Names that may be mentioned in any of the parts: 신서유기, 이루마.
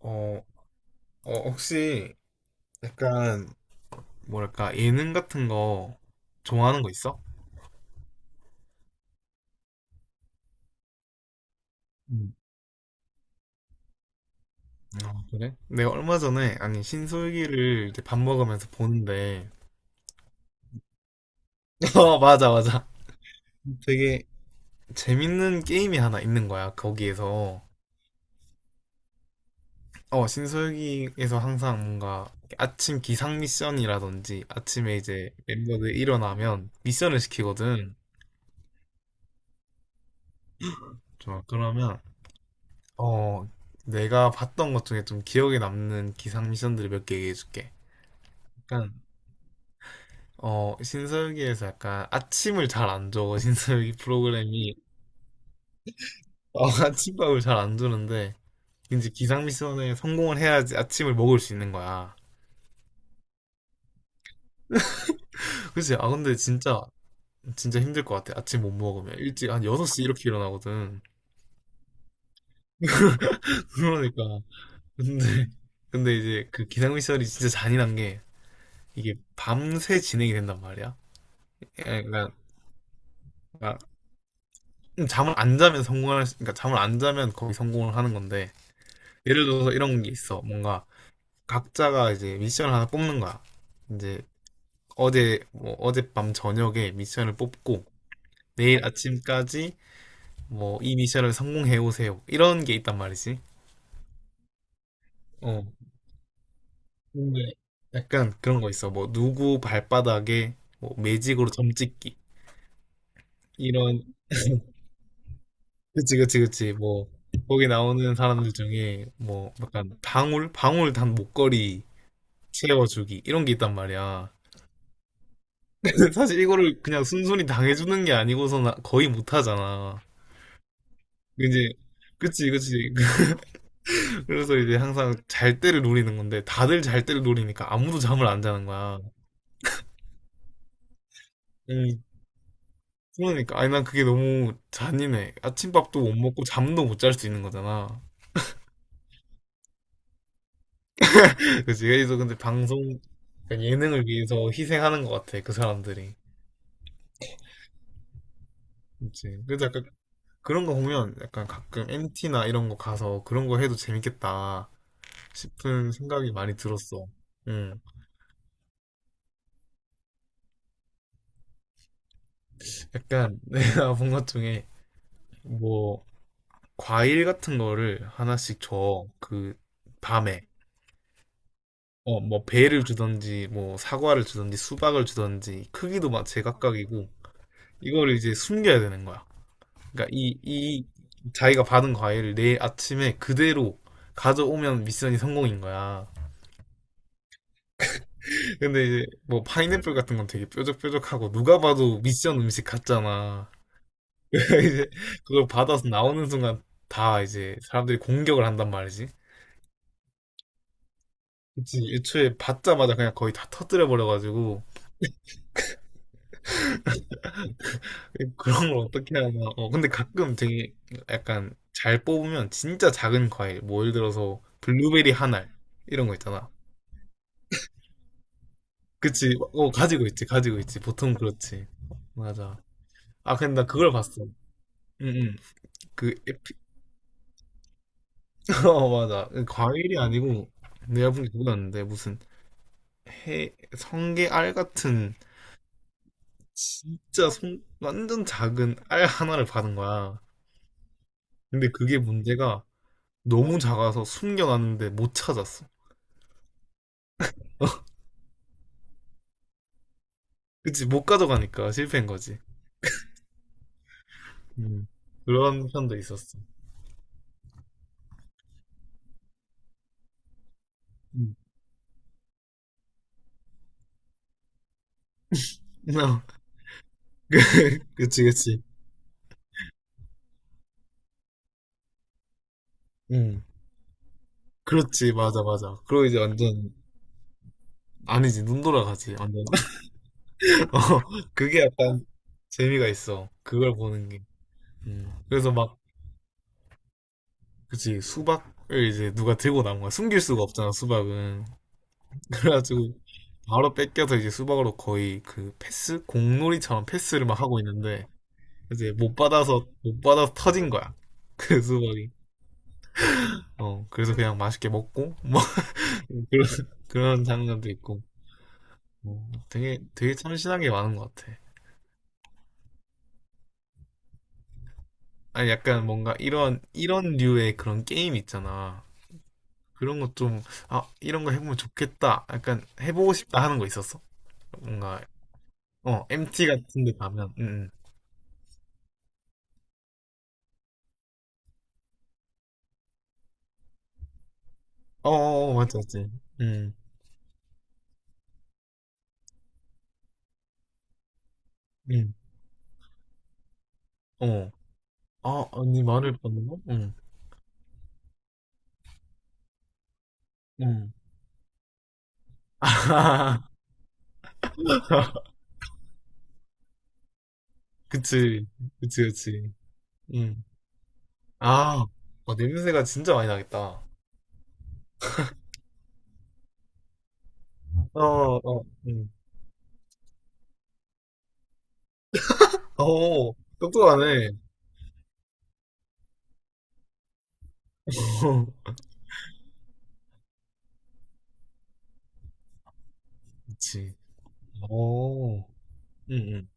어, 혹시 약간 뭐랄까 예능 같은 거 좋아하는 거 있어? 음. 아, 그래? 내가 얼마 전에 아니 신솔기를 이제 밥 먹으면서 보는데 어, 맞아, 맞아. 되게 재밌는 게임이 하나 있는 거야, 거기에서. 신솔기에서 항상 뭔가 아침 기상 미션이라든지 아침에 이제 멤버들 일어나면 미션을 시키거든. 좋아, 그러면 어, 내가 봤던 것 중에 좀 기억에 남는 기상 미션들을 몇 개 얘기해줄게. 약간, 신서유기에서 약간 아침을 잘 안 줘. 신서유기 프로그램이. 어, 아침밥을 잘 안 주는데, 이제 기상 미션에 성공을 해야지 아침을 먹을 수 있는 거야. 그치? 아, 근데 진짜, 진짜 힘들 것 같아. 아침 못 먹으면. 일찍 한 6시 이렇게 일어나거든. 그러니까. 근데, 근데 이제 그 기상 미션이 진짜 잔인한 게, 이게 밤새 진행이 된단 말이야. 약간, 잠을 안 자면 성공할 수, 그러니까 잠을 안 자면 거기 성공을 하는 건데 예를 들어서 이런 게 있어. 뭔가 각자가 이제 미션을 하나 뽑는 거야. 이제 어제 뭐 어젯밤 저녁에 미션을 뽑고 내일 아침까지 뭐 이 미션을 성공해 오세요, 이런 게 있단 말이지. 어. 근데 약간 그런 거 있어. 뭐 누구 발바닥에 뭐 매직으로 점 찍기. 이런, 그치 그치 그치, 뭐 거기 나오는 사람들 중에 뭐 약간 방울 방울 단 목걸이 채워주기 이런 게 있단 말이야. 사실 이거를 그냥 순순히 당해주는 게 아니고서는 거의 못하잖아. 이제 그치 그치. 그래서 이제 항상 잘 때를 노리는 건데 다들 잘 때를 노리니까 아무도 잠을 안 자는 거야. 음, 그러니까 아니 난 그게 너무 잔인해. 아침밥도 못 먹고 잠도 못 잘 수 있는 거잖아. 그치, 그래서 근데 방송, 그러니까 예능을 위해서 희생하는 것 같아, 그 사람들이. 그치, 그래서 약간 그런 거 보면 약간 가끔 MT나 이런 거 가서 그런 거 해도 재밌겠다 싶은 생각이 많이 들었어. 음, 약간 내가 본 것 중에 뭐 과일 같은 거를 하나씩 줘. 그 밤에, 어, 뭐 배를 주던지 뭐 사과를 주던지 수박을 주던지 크기도 막 제각각이고 이걸 이제 숨겨야 되는 거야. 그러니까 이 자기가 받은 과일을 내일 아침에 그대로 가져오면 미션이 성공인 거야. 근데 이제 뭐 파인애플 같은 건 되게 뾰족뾰족하고 누가 봐도 미션 음식 같잖아. 그러니까 이제 그걸 받아서 나오는 순간 다 이제 사람들이 공격을 한단 말이지. 그치, 애초에 받자마자 그냥 거의 다 터뜨려 버려가지고 그런 걸 어떻게 하나. 어, 근데 가끔 되게 약간 잘 뽑으면 진짜 작은 과일, 뭐 예를 들어서 블루베리 한 알, 이런 거 있잖아. 그치, 어, 가지고 있지, 가지고 있지. 보통 그렇지. 맞아. 아, 근데 나 그걸 봤어. 응, 응. 그, 에피, 어, 맞아. 과일이 아니고, 내가 본게 그거였는데, 성게알 같은 진짜 손 완전 작은 알 하나를 받은 거야. 근데 그게 문제가 너무 작아서 숨겨놨는데 못 찾았어. 그치, 못 가져가니까 실패인 거지. 음, 그런 편도 있었어. 음. 그치, 그치. 음. 그렇지, 맞아, 맞아. 그리고 이제 완전, 아니지, 눈 돌아가지, 완전. 어, 그게 약간 재미가 있어. 그걸 보는 게. 음. 그래서 막, 그치, 수박을 이제 누가 들고 나온 거야. 숨길 수가 없잖아, 수박은. 그래가지고 바로 뺏겨서 이제 수박으로 거의 그 패스? 공놀이처럼 패스를 막 하고 있는데 이제 못 받아서 터진 거야. 그 수박이. 어, 그래서 그냥 맛있게 먹고 뭐 그런, 그런 장면도 있고. 어, 되게 참신한 게 많은 것 같아. 아니 약간 뭔가 이런 류의 그런 게임 있잖아. 그런 거 좀, 아, 이런 거 해보면 좋겠다. 약간 해보고 싶다 하는 거 있었어. 뭔가, MT 같은 데 가면, 어, 어, 어, 맞지, 맞지. 음. 음. 어. 아, 아니, 말을 받는 거? 응, 응. 아, 그치, 그치, 그치. 응. 아, 어, 냄새가 진짜 많이 나겠다. 어, 어, 응. 어, 똑똑하네. 그치. 어, 응, 응.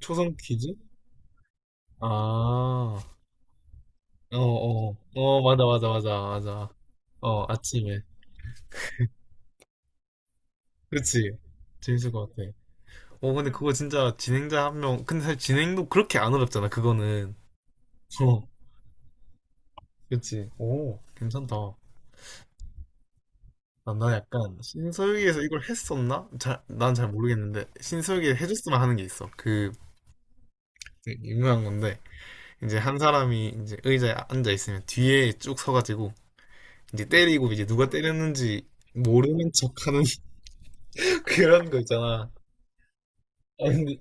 초성 퀴즈? 아, 어, 어, 어, 맞아, 맞아, 맞아, 맞아. 어, 아침에. 그치. 재밌을 것 같아. 어, 근데 그거 진짜 진행자 한 명, 근데 사실 진행도 그렇게 안 어렵잖아, 그거는. 그치. 오, 괜찮다. 나 약간 신서유기에서 이걸 했었나? 난 잘 모르겠는데 신서유기에 해줬으면 하는 게 있어. 그 되게 유명한 건데 이제 한 사람이 이제 의자에 앉아 있으면 뒤에 쭉 서가지고 이제 때리고 이제 누가 때렸는지 모르는 척하는 그런 거 있잖아. 아, 근데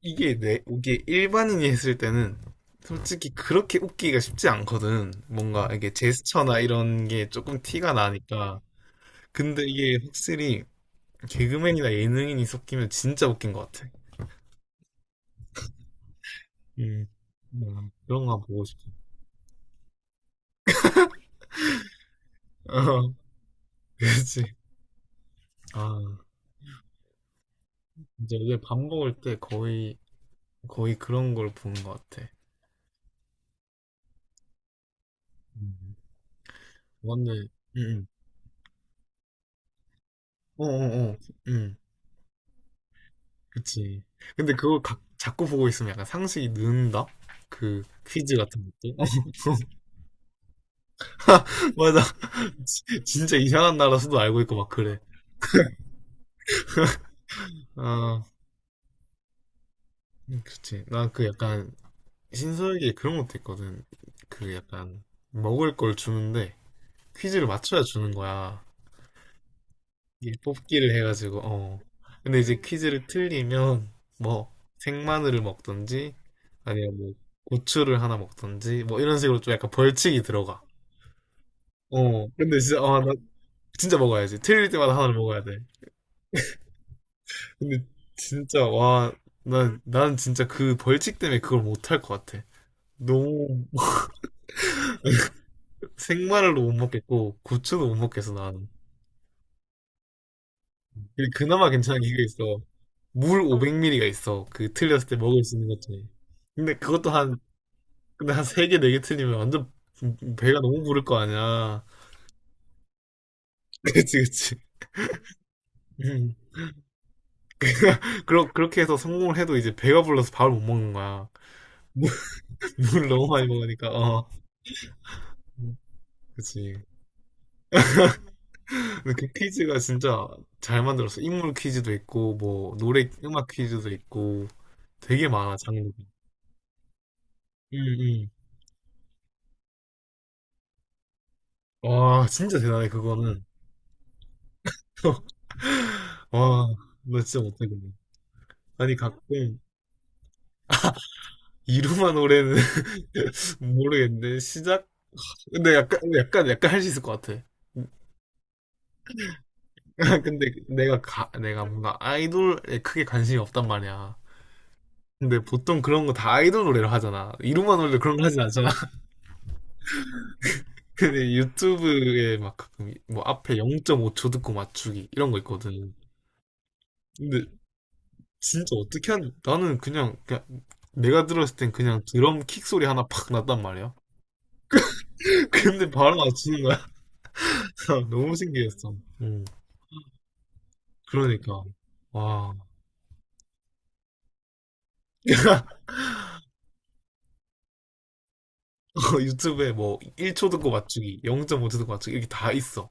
이게 일반인이 했을 때는 솔직히 그렇게 웃기가 쉽지 않거든. 뭔가 이게 제스처나 이런 게 조금 티가 나니까. 근데 이게 확실히 개그맨이나 예능인이 섞이면 진짜 웃긴 것 같아. 음, 그런 거 보고 싶어. 그렇지. 아, 이제 이게 밥 먹을 때 거의 그런 걸 보는 것 같아. 음, 맞네. 응, 응. 어, 어, 어. 응, 그치. 근데 그걸 자꾸 보고 있으면 약간 상식이 는다? 그 퀴즈 같은 것들. 맞아. 진- 짜 이상한 나라 수도 알고 있고 막 그래. 아, 그렇지. 나 그 약간 신서에게 그런 것도 있거든. 그 약간 먹을 걸 주는데 퀴즈를 맞춰야 주는 거야. 이 뽑기를 해가지고 어. 근데 이제 퀴즈를 틀리면 뭐 생마늘을 먹던지 아니면 뭐 고추를 하나 먹던지 뭐 이런 식으로 좀 약간 벌칙이 들어가. 어. 근데 진짜 아, 나 진짜 먹어야지. 틀릴 때마다 하나를 먹어야 돼. 근데 진짜 와, 난 진짜 그 벌칙 때문에 그걸 못할 것 같아. 너무 생마늘도 못 먹겠고 고추도 못 먹겠어 나는. 그나마 괜찮은 게 있어. 물 500ml가 있어. 그 틀렸을 때 먹을 수 있는 것 중에. 근데 그것도 근데 한 3개, 4개 틀리면 완전 배가 너무 부를 거 아니야. 그치, 그치. 음. 그렇게 해서 성공을 해도 이제 배가 불러서 밥을 못 먹는 거야. 물, 물을 너무 많이 먹으니까, 어. 음, 그치. 근데 그 퀴즈가 진짜 잘 만들었어. 인물 퀴즈도 있고, 뭐, 노래, 음악 퀴즈도 있고, 되게 많아, 장르가. 응, 응. 와, 진짜 대단해, 그거는. 와, 나 진짜 못하겠네. 아니, 가끔, 이루마 노래는 모르겠는데, 시작? 근데 약간 할 수 있을 것 같아. 근데 내가 뭔가 아이돌에 크게 관심이 없단 말이야. 근데 보통 그런 거 다 아이돌 노래로 하잖아. 이루마 노래 그런 거 하진 않잖아. 근데 유튜브에 막 가끔 뭐 앞에 0.5초 듣고 맞추기 이런 거 있거든. 근데 진짜 어떻게 하는, 나는 그냥 내가 들었을 땐 그냥 드럼 킥 소리 하나 팍 났단 말이야. 근데 바로 맞추는 너무 신기했어. 음. 그러니까. 와. 유튜브에 뭐 1초 듣고 맞추기, 0.5초 듣고 맞추기 이렇게 다 있어.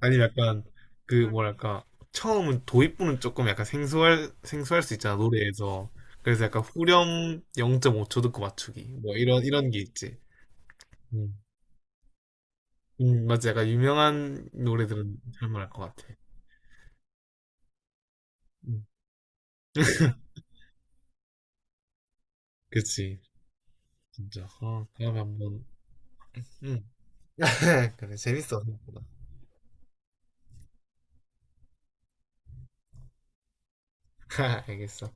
아니면 약간 그 뭐랄까 처음은 도입부는 조금 약간 생소할 수 있잖아 노래에서. 그래서 약간 후렴 0.5초 듣고 맞추기 뭐 이런 게 있지. 음. 맞아. 약간 유명한 노래들은 할만할 것 같아. 음, 그치. 진짜. 어, 다음에 한번. 음. 그래, 재밌어. 생각보다. 알겠어.